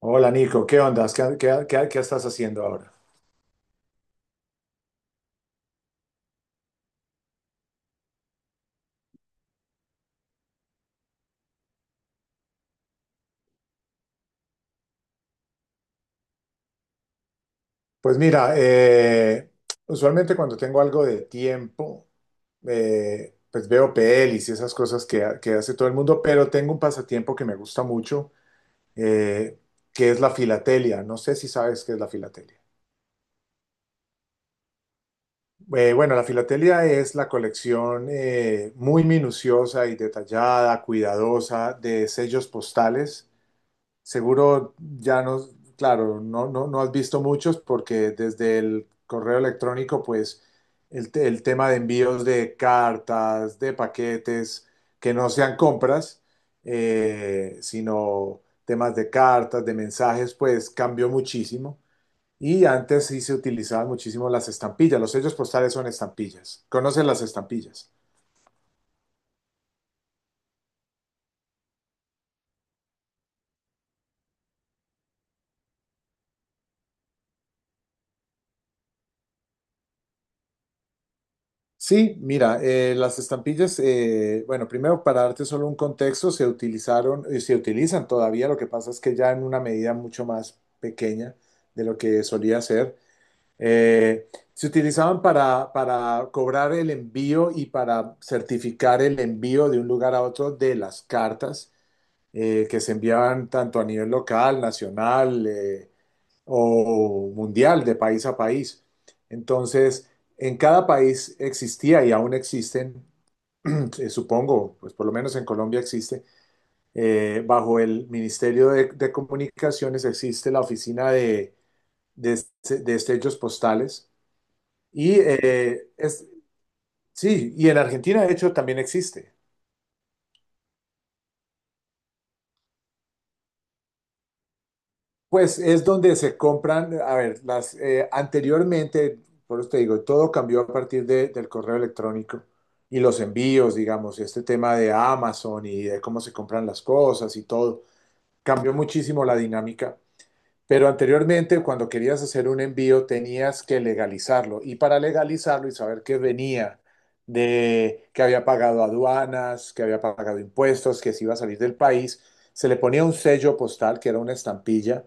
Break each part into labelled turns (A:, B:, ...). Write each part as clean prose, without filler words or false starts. A: Hola, Nico, ¿qué ondas? ¿qué estás haciendo ahora? Pues mira, usualmente cuando tengo algo de tiempo, pues veo pelis y esas cosas que hace todo el mundo, pero tengo un pasatiempo que me gusta mucho, eh, que es la filatelia. No sé si sabes qué es la filatelia. Bueno, la filatelia es la colección muy minuciosa y detallada, cuidadosa de sellos postales. Seguro ya no, claro, no, no, no has visto muchos porque desde el correo electrónico, pues el tema de envíos de cartas, de paquetes, que no sean compras, sino temas de cartas, de mensajes, pues cambió muchísimo. Y antes sí se utilizaban muchísimo las estampillas, los sellos postales son estampillas. ¿Conoces las estampillas? Sí, mira, las estampillas, bueno, primero para darte solo un contexto, se utilizaron y se utilizan todavía, lo que pasa es que ya en una medida mucho más pequeña de lo que solía ser. Se utilizaban para cobrar el envío y para certificar el envío de un lugar a otro de las cartas, que se enviaban tanto a nivel local, nacional, o mundial de país a país. Entonces, en cada país existía y aún existen, supongo, pues por lo menos en Colombia existe, bajo el Ministerio de Comunicaciones existe la oficina de estrellos postales. Y es, sí, y en Argentina de hecho también existe. Pues es donde se compran, a ver, las, anteriormente, por eso te digo, todo cambió a partir del correo electrónico y los envíos, digamos, este tema de Amazon y de cómo se compran las cosas y todo, cambió muchísimo la dinámica. Pero anteriormente, cuando querías hacer un envío, tenías que legalizarlo. Y para legalizarlo y saber que venía de que había pagado aduanas, que había pagado impuestos, que se iba a salir del país, se le ponía un sello postal, que era una estampilla,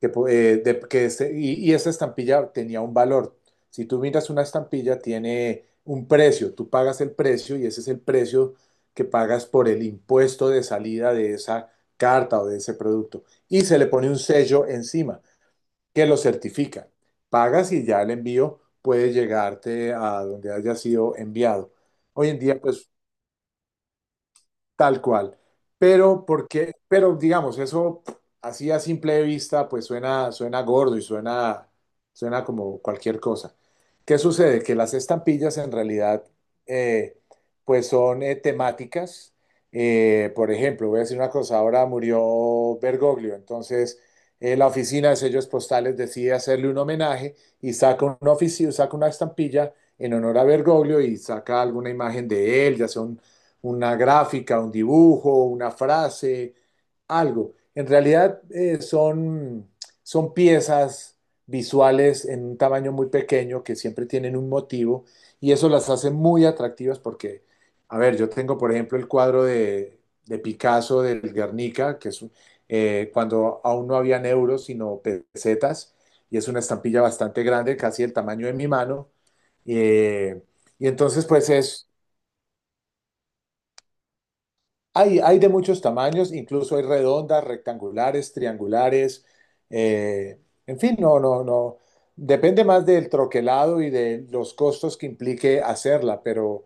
A: que, po- de- que se- y esa estampilla tenía un valor. Si tú miras una estampilla, tiene un precio. Tú pagas el precio y ese es el precio que pagas por el impuesto de salida de esa carta o de ese producto y se le pone un sello encima que lo certifica. Pagas y ya el envío puede llegarte a donde haya sido enviado. Hoy en día, pues tal cual. Pero digamos, eso así a simple vista, pues suena gordo y suena como cualquier cosa. ¿Qué sucede? Que las estampillas en realidad, eh, pues son, temáticas. Por ejemplo, voy a decir una cosa, ahora murió Bergoglio, entonces la oficina de sellos postales decide hacerle un homenaje y saca saca una estampilla en honor a Bergoglio y saca alguna imagen de él, ya sea un una gráfica, un dibujo, una frase, algo. En realidad son piezas visuales en un tamaño muy pequeño que siempre tienen un motivo y eso las hace muy atractivas porque, a ver, yo tengo por ejemplo el cuadro de Picasso del Guernica, que es cuando aún no habían euros sino pesetas y es una estampilla bastante grande, casi el tamaño de mi mano. Eh, y entonces pues es. Hay de muchos tamaños, incluso hay redondas, rectangulares, triangulares, eh, en fin, no, no, no. Depende más del troquelado y de los costos que implique hacerla, pero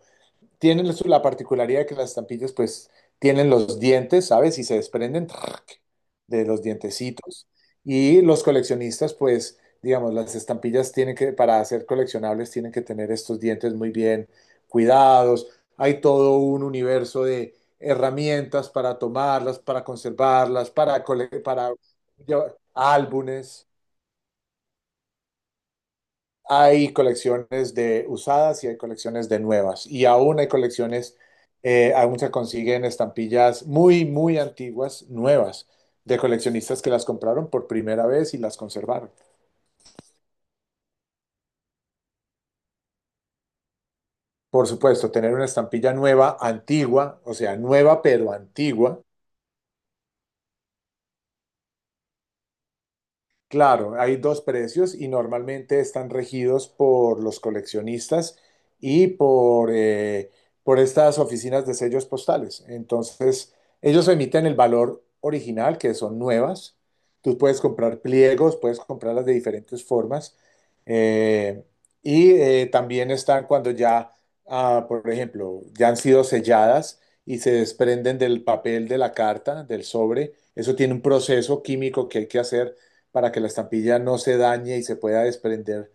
A: tienen la particularidad de que las estampillas pues tienen los dientes, ¿sabes? Y se desprenden ¡trac! De los dientecitos. Y los coleccionistas pues, digamos, las estampillas tienen que, para ser coleccionables, tienen que tener estos dientes muy bien cuidados. Hay todo un universo de herramientas para tomarlas, para conservarlas, para álbumes. Hay colecciones de usadas y hay colecciones de nuevas. Y aún hay colecciones, aún se consiguen estampillas muy, muy antiguas, nuevas, de coleccionistas que las compraron por primera vez y las conservaron. Por supuesto, tener una estampilla nueva, antigua, o sea, nueva pero antigua. Claro, hay dos precios y normalmente están regidos por los coleccionistas y por estas oficinas de sellos postales. Entonces, ellos emiten el valor original, que son nuevas. Tú puedes comprar pliegos, puedes comprarlas de diferentes formas. Eh, También están cuando ya, ah, por ejemplo, ya han sido selladas y se desprenden del papel de la carta, del sobre. Eso tiene un proceso químico que hay que hacer para que la estampilla no se dañe y se pueda desprender.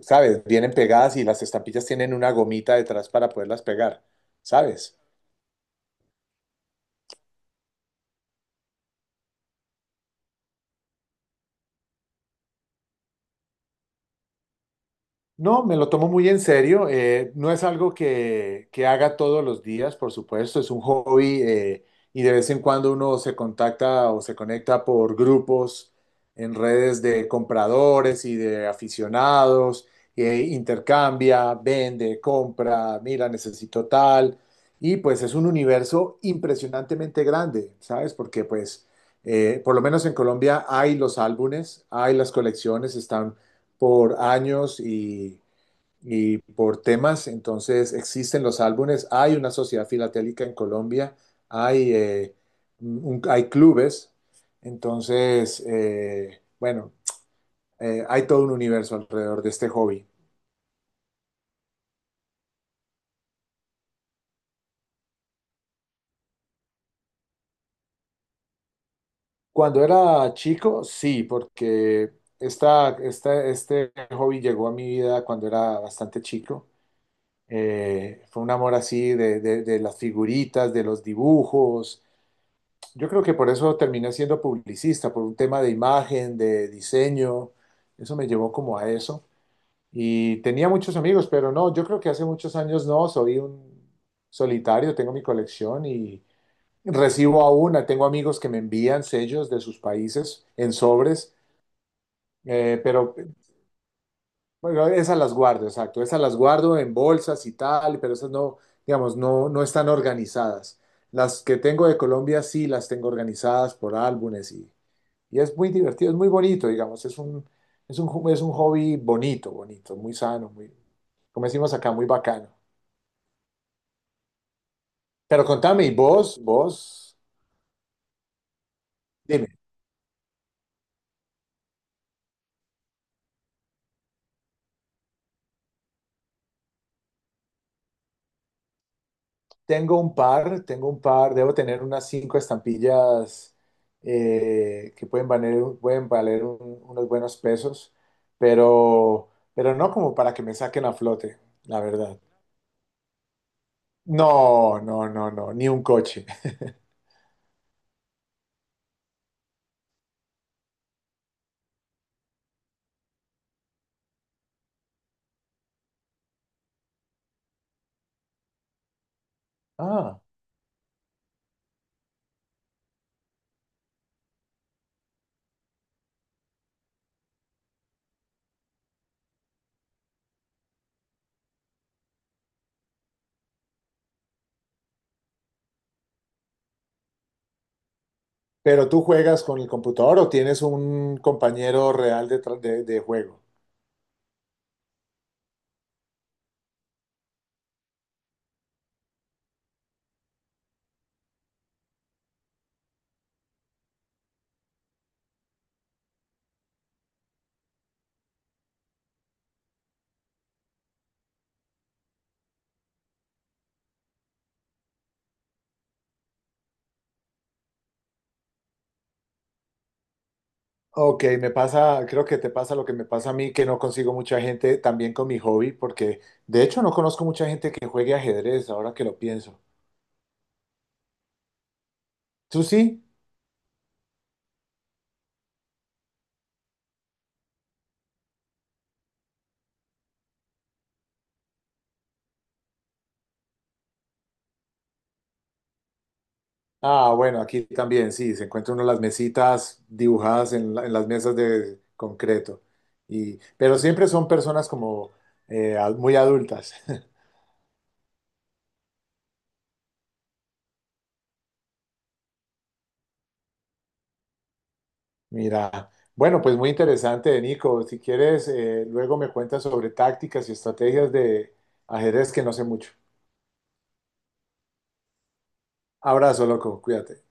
A: ¿Sabes? Vienen pegadas y las estampillas tienen una gomita detrás para poderlas pegar. ¿Sabes? No, me lo tomo muy en serio. No es algo que haga todos los días, por supuesto. Es un hobby, y de vez en cuando uno se contacta o se conecta por grupos en redes de compradores y de aficionados. Intercambia, vende, compra, mira, necesito tal. Y pues es un universo impresionantemente grande, ¿sabes? Porque pues, por lo menos en Colombia hay los álbumes, hay las colecciones, están por años y por temas, entonces existen los álbumes, hay una sociedad filatélica en Colombia, hay, eh, hay clubes, entonces, bueno, hay todo un universo alrededor de este hobby. Cuando era chico, sí, porque este hobby llegó a mi vida cuando era bastante chico. Fue un amor así de las figuritas, de los dibujos. Yo creo que por eso terminé siendo publicista, por un tema de imagen, de diseño, eso me llevó como a eso. Y tenía muchos amigos, pero no, yo creo que hace muchos años no, soy un solitario, tengo mi colección y recibo aún, tengo amigos que me envían sellos de sus países en sobres, pero bueno, esas las guardo, exacto, esas las guardo en bolsas y tal, pero esas no, digamos, no, no están organizadas. Las que tengo de Colombia sí las tengo organizadas por álbumes. Y es muy divertido, es muy bonito, digamos, es un hobby bonito, bonito, muy sano, muy, como decimos acá, muy bacano. Pero contame, y vos, dime, tengo un par, debo tener unas 5 estampillas que pueden valer, unos buenos pesos, pero no como para que me saquen a flote, la verdad. No, no, no, no, ni un coche. Ah. ¿Pero tú juegas con el computador o tienes un compañero real de juego? Ok, me pasa, creo que te pasa lo que me pasa a mí, que no consigo mucha gente también con mi hobby, porque de hecho no conozco mucha gente que juegue ajedrez, ahora que lo pienso. ¿Tú sí? Ah, bueno, aquí también, sí, se encuentra uno las mesitas dibujadas en, en las mesas de concreto. Y, pero siempre son personas como muy adultas. Mira, bueno, pues muy interesante, Nico. Si quieres, luego me cuentas sobre tácticas y estrategias de ajedrez que no sé mucho. Abrazo, loco, cuídate.